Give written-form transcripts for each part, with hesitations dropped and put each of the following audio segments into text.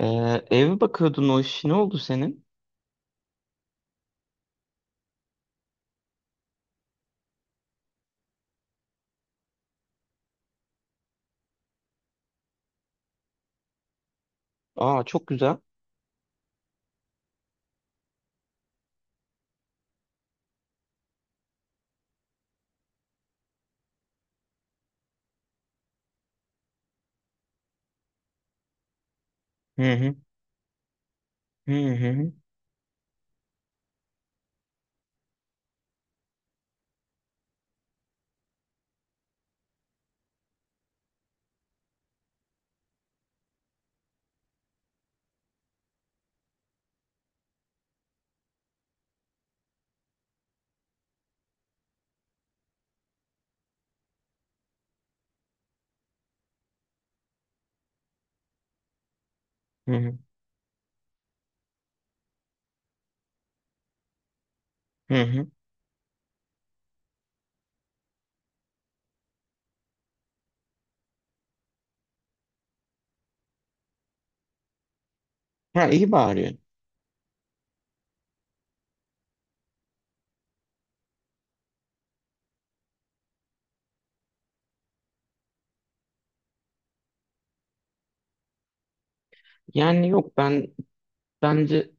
Ee, Ev bakıyordun, o iş ne oldu senin? Aa, çok güzel. Hı hı. Hı hı. Hı hı. Hı hı. Ha, iyi bağırıyorsun. Yani, yok, bence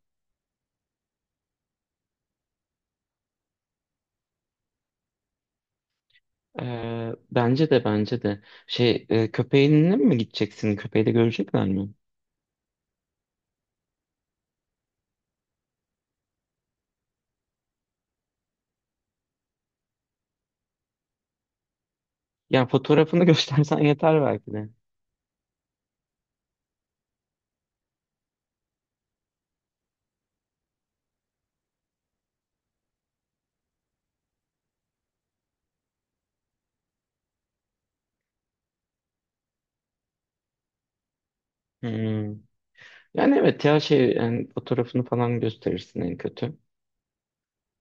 bence de köpeğinle mi gideceksin? Köpeği de görecekler mi? Yani fotoğrafını göstersen yeter belki de. Hmm. Yani evet ya, şey, yani fotoğrafını falan gösterirsin en kötü.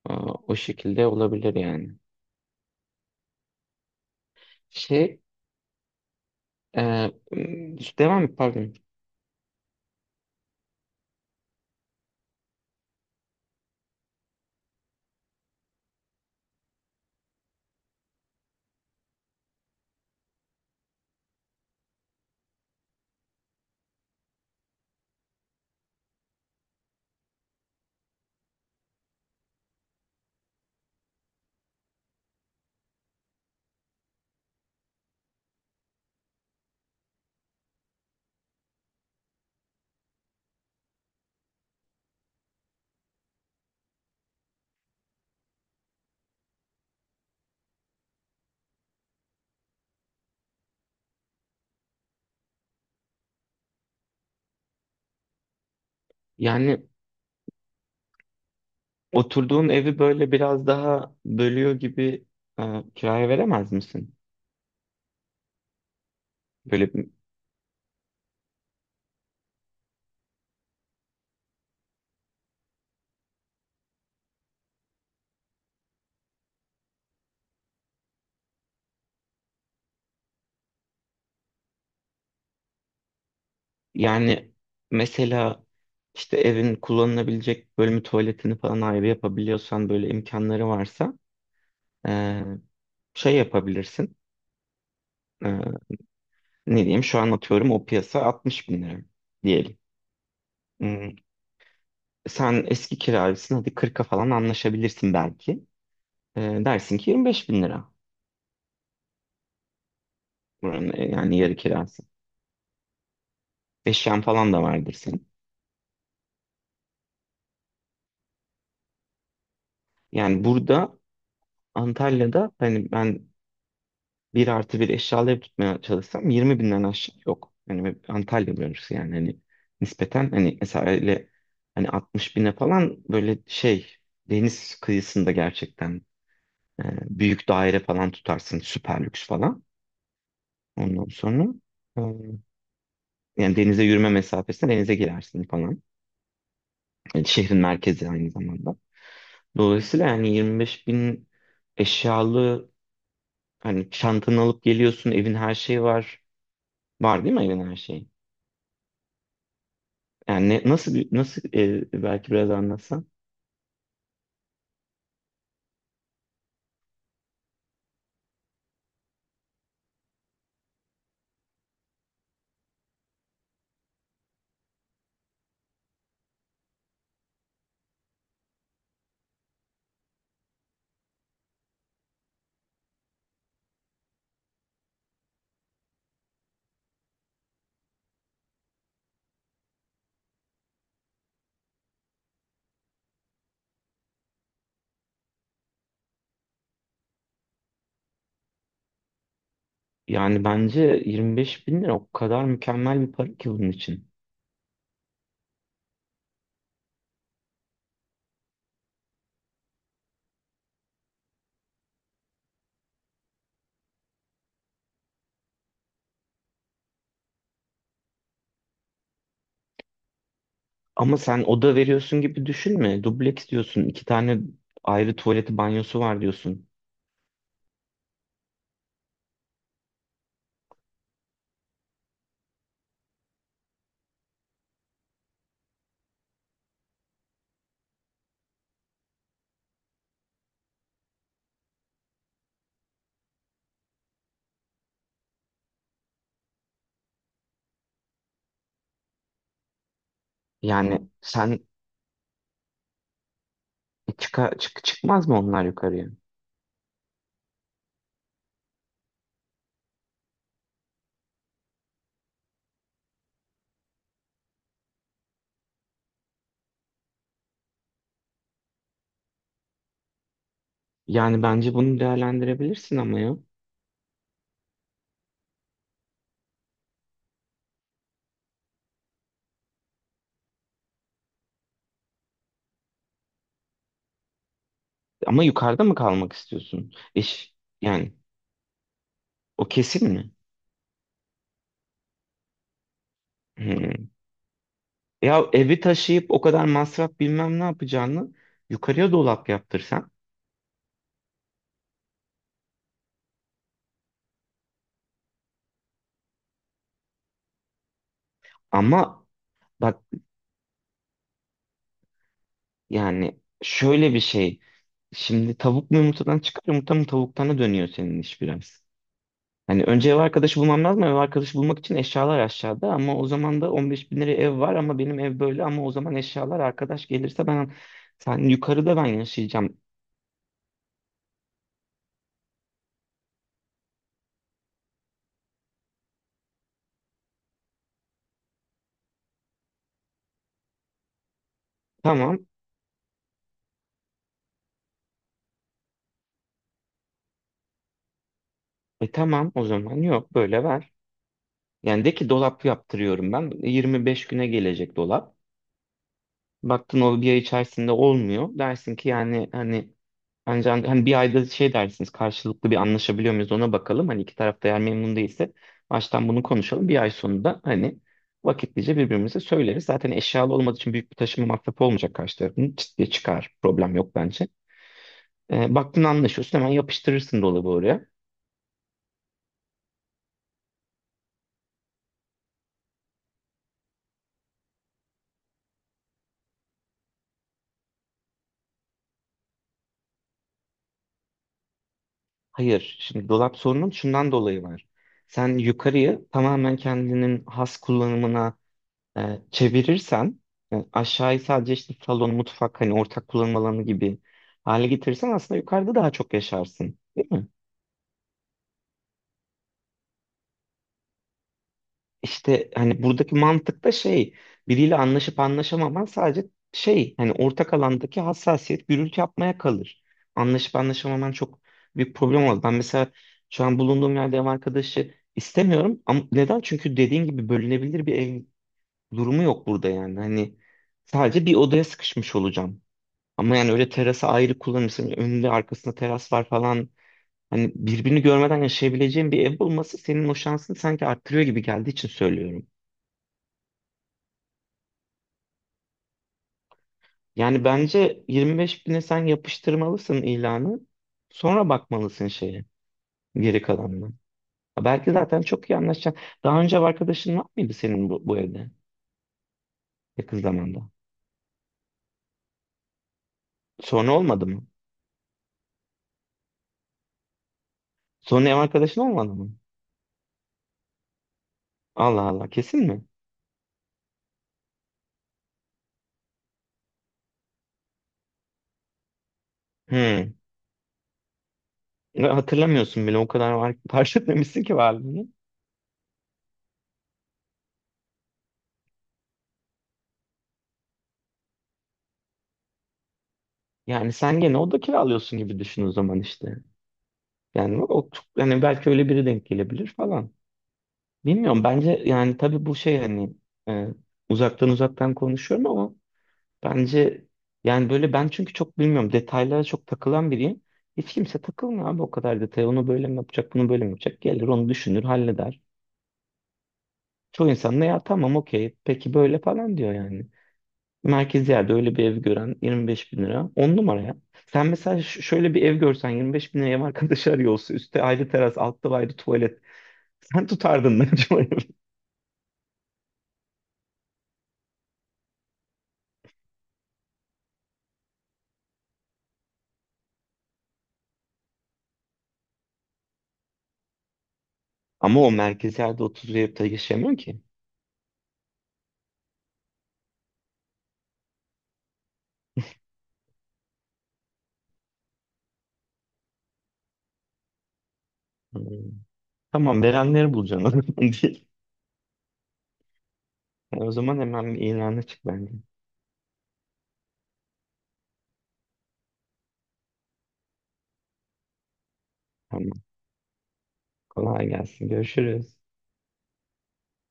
Aa, o şekilde olabilir yani. Şey e, Devam et, pardon. Yani oturduğun evi böyle biraz daha bölüyor gibi, e, kiraya veremez misin? Böyle bir- Yani mesela işte evin kullanılabilecek bölümü, tuvaletini falan ayrı yapabiliyorsan, böyle imkanları varsa e, şey yapabilirsin. E, Ne diyeyim, şu an atıyorum, o piyasa 60 bin lira diyelim. Hmm, Sen eski kiracısın, hadi 40'a falan anlaşabilirsin belki. Dersin ki 25 bin lira buranın, yani yarı kirası. Eşyan falan da vardır senin. Yani burada, Antalya'da, hani ben 1+1 eşyalı ev tutmaya çalışsam 20 binden aşağı yok. Hani Antalya bölgesi yani, hani nispeten, hani mesela öyle hani 60 bine falan böyle şey, deniz kıyısında gerçekten e, büyük daire falan tutarsın, süper lüks falan. Ondan sonra e, yani denize yürüme mesafesine, denize girersin falan. Yani şehrin merkezi aynı zamanda. Dolayısıyla yani 25 bin eşyalı, hani çantanı alıp geliyorsun, evin her şeyi var. Var değil mi, evin her şeyi? Yani nasıl ev, belki biraz anlatsan. Yani bence 25 bin lira o kadar mükemmel bir para ki bunun için. Ama sen oda veriyorsun gibi düşünme. Dubleks diyorsun. İki tane ayrı tuvaleti, banyosu var diyorsun. Yani sen çıkmaz mı onlar yukarıya? Yani bence bunu değerlendirebilirsin ama ya. Ama yukarıda mı kalmak istiyorsun? Yani o kesin mi? Hmm. Ya evi taşıyıp o kadar masraf bilmem ne yapacağını yukarıya dolap yaptırsan. Ama bak, yani şöyle bir şey. Şimdi tavuk mu yumurtadan çıkar, yumurta mı tavuktan, dönüyor senin iş biraz. Hani önce ev arkadaşı bulmam lazım. Ev arkadaşı bulmak için eşyalar aşağıda, ama o zaman da 15 bin liraya ev var, ama benim ev böyle, ama o zaman eşyalar, arkadaş gelirse sen yukarıda, ben yaşayacağım. Tamam. Tamam, o zaman yok, böyle ver. Yani de ki, dolap yaptırıyorum ben. 25 güne gelecek dolap. Baktın, o bir ay içerisinde olmuyor. Dersin ki, yani hani, ancak hani bir ayda şey dersiniz, karşılıklı bir anlaşabiliyor muyuz ona bakalım. Hani iki tarafta eğer memnun değilse baştan bunu konuşalım. Bir ay sonunda hani vakitlice birbirimize söyleriz. Zaten eşyalı olmadığı için büyük bir taşıma masrafı olmayacak karşı tarafın. Çıt diye çıkar. Problem yok bence. Baktın anlaşıyorsun, hemen yapıştırırsın dolabı oraya. Hayır. Şimdi dolap sorunun şundan dolayı var. Sen yukarıyı tamamen kendinin has kullanımına çevirirsen, aşağıyı sadece işte salon, mutfak, hani ortak kullanım alanı gibi hale getirirsen, aslında yukarıda daha çok yaşarsın. Değil mi? İşte hani buradaki mantık da şey, biriyle anlaşıp anlaşamaman sadece şey, hani ortak alandaki hassasiyet, gürültü yapmaya kalır. Anlaşıp anlaşamaman çok büyük problem oldu. Ben mesela şu an bulunduğum yerde ev arkadaşı istemiyorum, ama neden? Çünkü dediğin gibi bölünebilir bir ev durumu yok burada yani. Hani sadece bir odaya sıkışmış olacağım. Ama yani öyle, terası ayrı kullanırsın. Önünde arkasında teras var falan. Hani birbirini görmeden yaşayabileceğin bir ev bulması senin o şansını sanki arttırıyor gibi geldiği için söylüyorum. Yani bence 25 bine sen yapıştırmalısın ilanı. Sonra bakmalısın şeye, geri kalanına. Ha, belki zaten çok iyi anlaşacaksın. Daha önce ev arkadaşın var mıydı senin bu evde, yakın zamanda? Sonra olmadı mı? Sonra ev arkadaşın olmadı mı? Allah Allah, kesin mi? Hmm. Ya, hatırlamıyorsun bile, o kadar var, fark etmemişsin ki varlığını. Yani sen gene oda kiralıyorsun gibi düşün o zaman işte. Yani o çok, yani belki öyle biri denk gelebilir falan. Bilmiyorum, bence yani, tabii bu şey hani, e, uzaktan uzaktan konuşuyorum ama, bence yani böyle, ben çünkü çok, bilmiyorum, detaylara çok takılan biriyim. Hiç kimse takılmıyor abi o kadar detaya, onu böyle mi yapacak, bunu böyle mi yapacak, gelir onu düşünür, halleder. Çoğu insan da ya tamam, okey, peki böyle falan diyor yani. Merkezi yerde öyle bir ev gören, 25 bin lira, 10 numara ya. Sen mesela şöyle bir ev görsen, 25 bin liraya ev arkadaşı arıyor olsa, üstte ayrı teras, altta ayrı tuvalet, sen tutardın mı acaba? Ama o merkezi yerde 30 yapıda yaşayamıyor ki. Hmm. Tamam, verenleri bulacaksın o zaman, değil? Yani o zaman hemen bir ilana çık bence. Tamam, kolay gelsin, görüşürüz.